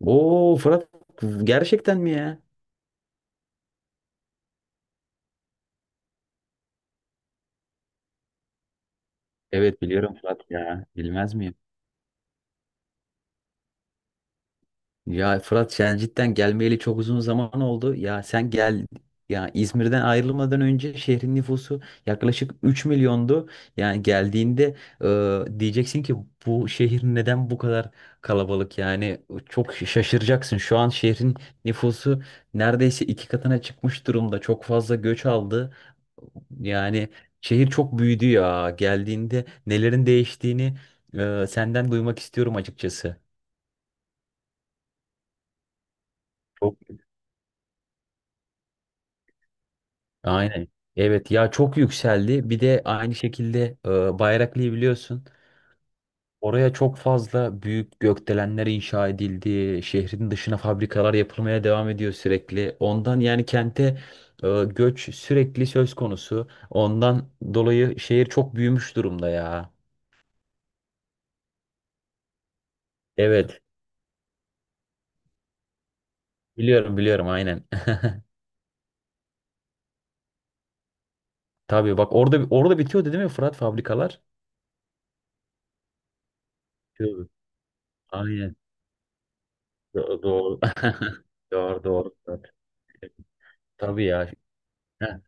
Oo Fırat gerçekten mi ya? Evet biliyorum Fırat ya. Bilmez miyim? Ya Fırat sen cidden gelmeyeli çok uzun zaman oldu. Ya sen gel ya İzmir'den ayrılmadan önce şehrin nüfusu yaklaşık 3 milyondu. Yani geldiğinde diyeceksin ki bu şehir neden bu kadar kalabalık? Yani çok şaşıracaksın. Şu an şehrin nüfusu neredeyse 2 katına çıkmış durumda. Çok fazla göç aldı. Yani şehir çok büyüdü ya. Geldiğinde nelerin değiştiğini senden duymak istiyorum açıkçası. Aynen. Evet ya çok yükseldi. Bir de aynı şekilde Bayraklı'yı biliyorsun. Oraya çok fazla büyük gökdelenler inşa edildi. Şehrin dışına fabrikalar yapılmaya devam ediyor sürekli. Ondan yani kente göç sürekli söz konusu. Ondan dolayı şehir çok büyümüş durumda ya. Evet. Biliyorum biliyorum aynen. Tabii bak orada orada bitiyordu değil mi Fırat fabrikalar? Bitiyordu. Aynen. Doğru. Doğru doğru. Tabii ya. Heh.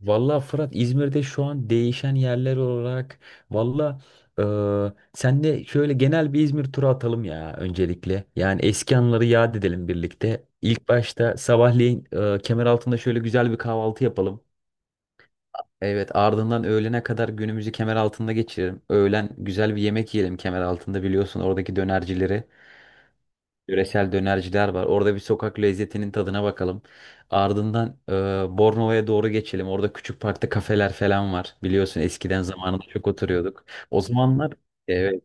Valla Fırat İzmir'de şu an değişen yerler olarak valla sen de şöyle genel bir İzmir turu atalım ya öncelikle. Yani eski anıları yad edelim birlikte. İlk başta sabahleyin Kemeraltı'nda şöyle güzel bir kahvaltı yapalım. Evet, ardından öğlene kadar günümüzü Kemeraltı'nda geçirelim. Öğlen güzel bir yemek yiyelim Kemeraltı'nda, biliyorsun oradaki dönercileri. Yöresel dönerciler var. Orada bir sokak lezzetinin tadına bakalım. Ardından Bornova'ya doğru geçelim. Orada küçük parkta kafeler falan var. Biliyorsun eskiden zamanında çok oturuyorduk. O zamanlar evet.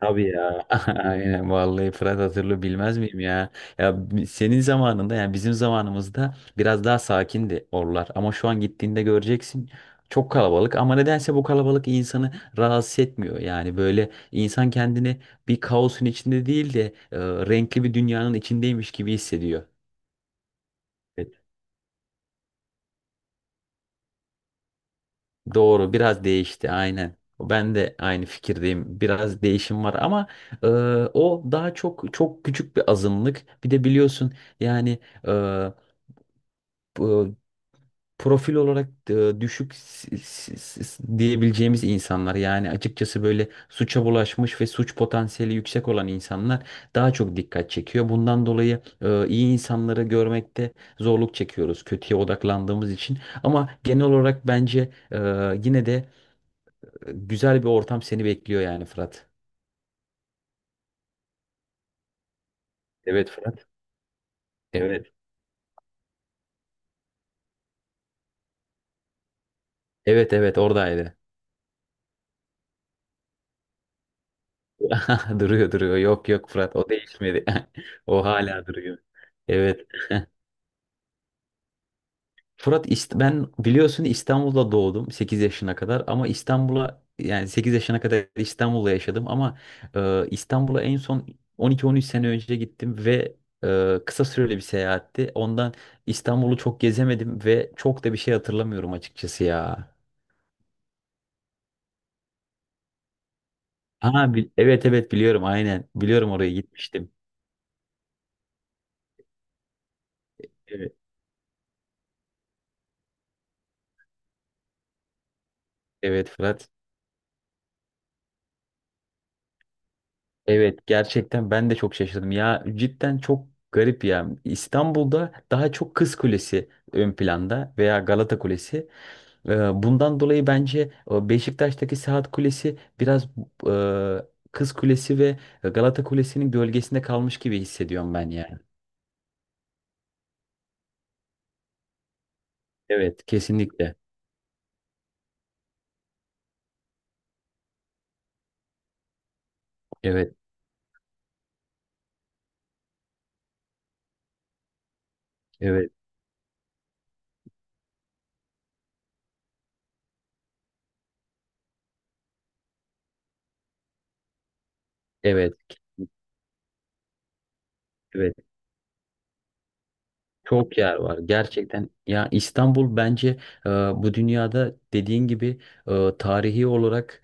Tabii ya. Aynen vallahi Fırat hatırlı bilmez miyim ya? Ya senin zamanında yani bizim zamanımızda biraz daha sakindi oralar. Ama şu an gittiğinde göreceksin çok kalabalık ama nedense bu kalabalık insanı rahatsız etmiyor. Yani böyle insan kendini bir kaosun içinde değil de renkli bir dünyanın içindeymiş gibi hissediyor. Doğru, biraz değişti aynen. Ben de aynı fikirdeyim. Biraz değişim var ama e, o daha çok çok küçük bir azınlık. Bir de biliyorsun yani e, bu- profil olarak düşük diyebileceğimiz insanlar yani, açıkçası böyle suça bulaşmış ve suç potansiyeli yüksek olan insanlar daha çok dikkat çekiyor. Bundan dolayı iyi insanları görmekte zorluk çekiyoruz, kötüye odaklandığımız için. Ama genel olarak bence e, yine de güzel bir ortam seni bekliyor yani Fırat. Evet Fırat. Evet. Evet evet oradaydı. Duruyor duruyor. Yok yok Fırat, o değişmedi. O hala duruyor. Evet. Fırat, ben biliyorsun İstanbul'da doğdum, 8 yaşına kadar, ama İstanbul'a yani 8 yaşına kadar İstanbul'da yaşadım, ama İstanbul'a en son 12-13 sene önce gittim ve kısa süreli bir seyahatti. Ondan İstanbul'u çok gezemedim ve çok da bir şey hatırlamıyorum açıkçası ya. Aa, evet evet biliyorum aynen. Biliyorum, oraya gitmiştim. Evet, evet Fırat. Evet gerçekten ben de çok şaşırdım. Ya cidden çok garip ya. İstanbul'da daha çok Kız Kulesi ön planda veya Galata Kulesi. Bundan dolayı bence Beşiktaş'taki Saat Kulesi biraz e, Kız Kulesi ve Galata Kulesi'nin gölgesinde kalmış gibi hissediyorum ben yani. Evet kesinlikle. Evet evet evet. Evet. Çok yer var gerçekten. Ya İstanbul bence bu dünyada dediğin gibi tarihi olarak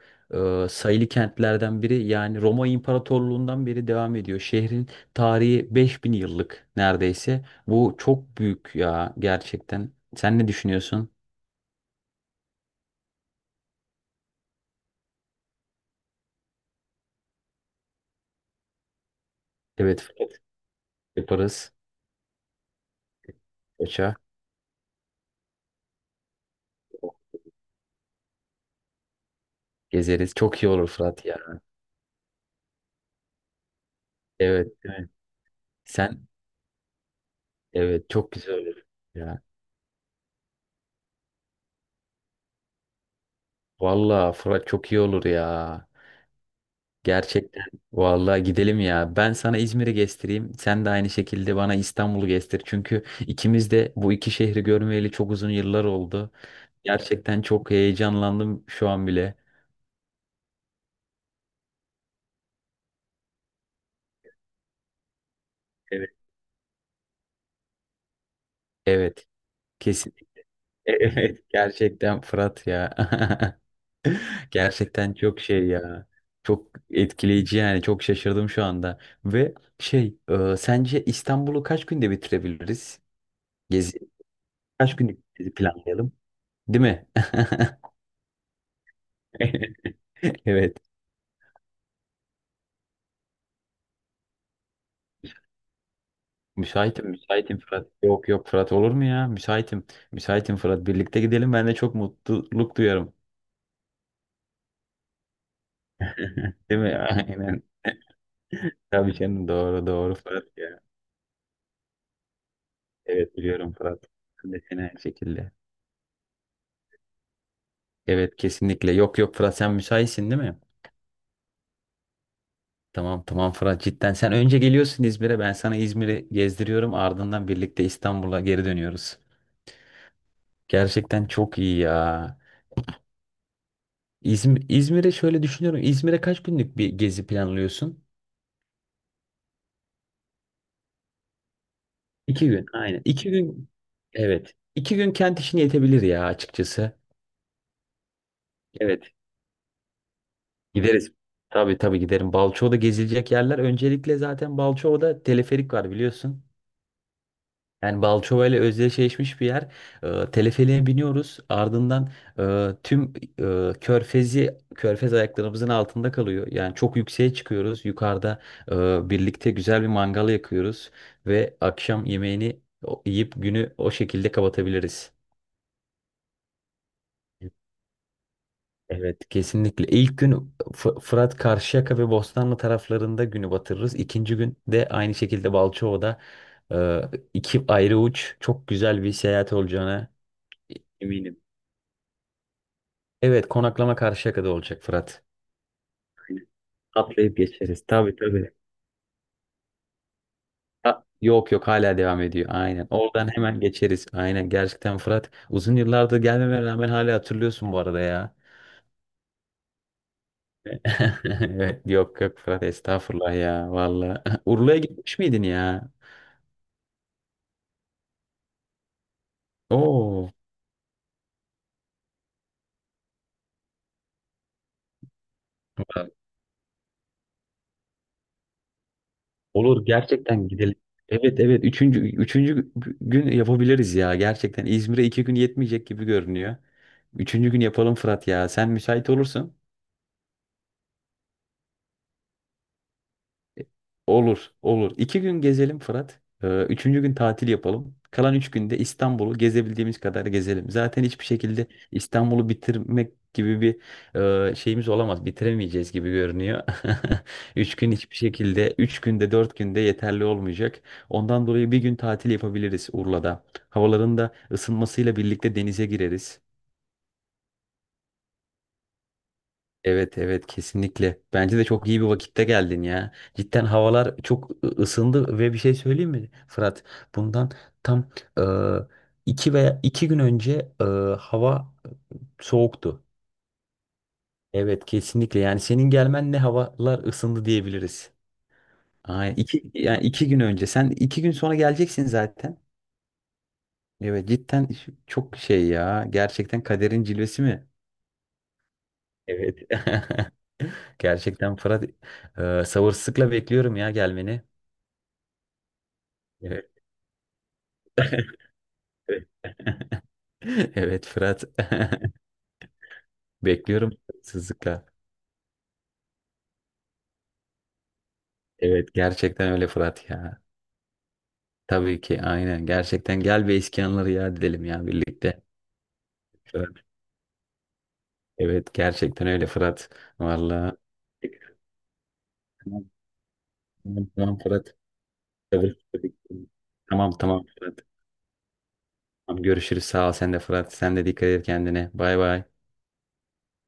sayılı kentlerden biri. Yani Roma İmparatorluğundan beri devam ediyor. Şehrin tarihi 5000 yıllık neredeyse. Bu çok büyük ya gerçekten. Sen ne düşünüyorsun? Evet Fırat, yaparız. Koça gezeriz. Çok iyi olur Fırat ya. Evet, evet. Sen evet, çok güzel olur ya. Vallahi Fırat çok iyi olur ya. Gerçekten. Vallahi gidelim ya. Ben sana İzmir'i gezdireyim. Sen de aynı şekilde bana İstanbul'u gezdir. Çünkü ikimiz de bu iki şehri görmeyeli çok uzun yıllar oldu. Gerçekten çok heyecanlandım şu an bile. Evet. Evet. Kesin. Evet. Gerçekten Fırat ya. Gerçekten çok şey ya. Çok etkileyici yani. Çok şaşırdım şu anda. Ve sence İstanbul'u kaç günde bitirebiliriz? Gezi. Kaç günlük gezi planlayalım? Değil mi? Evet. Müsaitim, müsaitim Fırat. Yok yok Fırat, olur mu ya? Müsaitim. Müsaitim Fırat. Birlikte gidelim. Ben de çok mutluluk duyarım. Değil mi? Aynen. Tabii canım, doğru doğru Fırat ya. Evet biliyorum Fırat. Ben de seni aynı şekilde. Evet kesinlikle. Yok yok Fırat, sen müsaitsin değil mi? Tamam tamam Fırat, cidden. Sen önce geliyorsun İzmir'e. Ben sana İzmir'i gezdiriyorum. Ardından birlikte İstanbul'a geri dönüyoruz. Gerçekten çok iyi ya. İzmir'e şöyle düşünüyorum. İzmir'e kaç günlük bir gezi planlıyorsun? 2 gün aynen. 2 gün evet. 2 gün kent işine yetebilir ya açıkçası. Evet gideriz. Tabii tabii giderim. Balçova'da gezilecek yerler. Öncelikle zaten Balçova'da teleferik var biliyorsun. Yani Balçova ile özdeşleşmiş bir yer. Teleferiğe biniyoruz. Ardından tüm körfez ayaklarımızın altında kalıyor. Yani çok yükseğe çıkıyoruz. Yukarıda birlikte güzel bir mangal yakıyoruz. Ve akşam yemeğini yiyip günü o şekilde kapatabiliriz. Evet kesinlikle. İlk gün Fırat Karşıyaka ve Bostanlı taraflarında günü batırırız. İkinci gün de aynı şekilde Balçova'da e, iki ayrı uç, çok güzel bir seyahat olacağına eminim. Evet, konaklama Karşıyaka'da olacak Fırat. Aynen. Atlayıp geçeriz. Tabii tabii. Ha, yok yok hala devam ediyor. Aynen. Oradan hemen geçeriz. Aynen. Gerçekten Fırat, uzun yıllardır gelmeme rağmen hala hatırlıyorsun bu arada ya. Evet, yok yok Fırat, estağfurullah ya valla. Urla'ya gitmiş miydin ya? Oo. Olur, gerçekten gidelim. Evet evet üçüncü gün yapabiliriz ya, gerçekten İzmir'e 2 gün yetmeyecek gibi görünüyor. Üçüncü gün yapalım Fırat ya, sen müsait olursun. Olur, olur. 2 gün gezelim Fırat. Üçüncü gün tatil yapalım. Kalan 3 günde İstanbul'u gezebildiğimiz kadar gezelim. Zaten hiçbir şekilde İstanbul'u bitirmek gibi bir şeyimiz olamaz. Bitiremeyeceğiz gibi görünüyor. 3 gün hiçbir şekilde, 3 günde, 4 günde yeterli olmayacak. Ondan dolayı bir gün tatil yapabiliriz Urla'da. Havaların da ısınmasıyla birlikte denize gireriz. Evet evet kesinlikle. Bence de çok iyi bir vakitte geldin ya. Cidden havalar çok ısındı ve bir şey söyleyeyim mi Fırat? Bundan tam e, iki veya 2 gün önce hava soğuktu. Evet kesinlikle. Yani senin gelmenle havalar ısındı diyebiliriz. Aynen. İki, yani 2 gün önce. Sen 2 gün sonra geleceksin zaten. Evet cidden çok şey ya. Gerçekten kaderin cilvesi mi? Evet. Gerçekten Fırat sabırsızlıkla bekliyorum ya gelmeni. Evet. Evet. Evet Fırat. Bekliyorum sabırsızlıkla. Evet gerçekten öyle Fırat ya. Tabii ki aynen. Gerçekten gel ve eski anıları yad edelim ya birlikte. Fırat. Evet gerçekten öyle Fırat. Vallahi. Tamam, tamam tamam Fırat. Sabırsızlıkla bekliyorum. Tamam tamam Fırat. Tamam, görüşürüz. Sağ ol sen de Fırat. Sen de dikkat et kendine. Bay bay.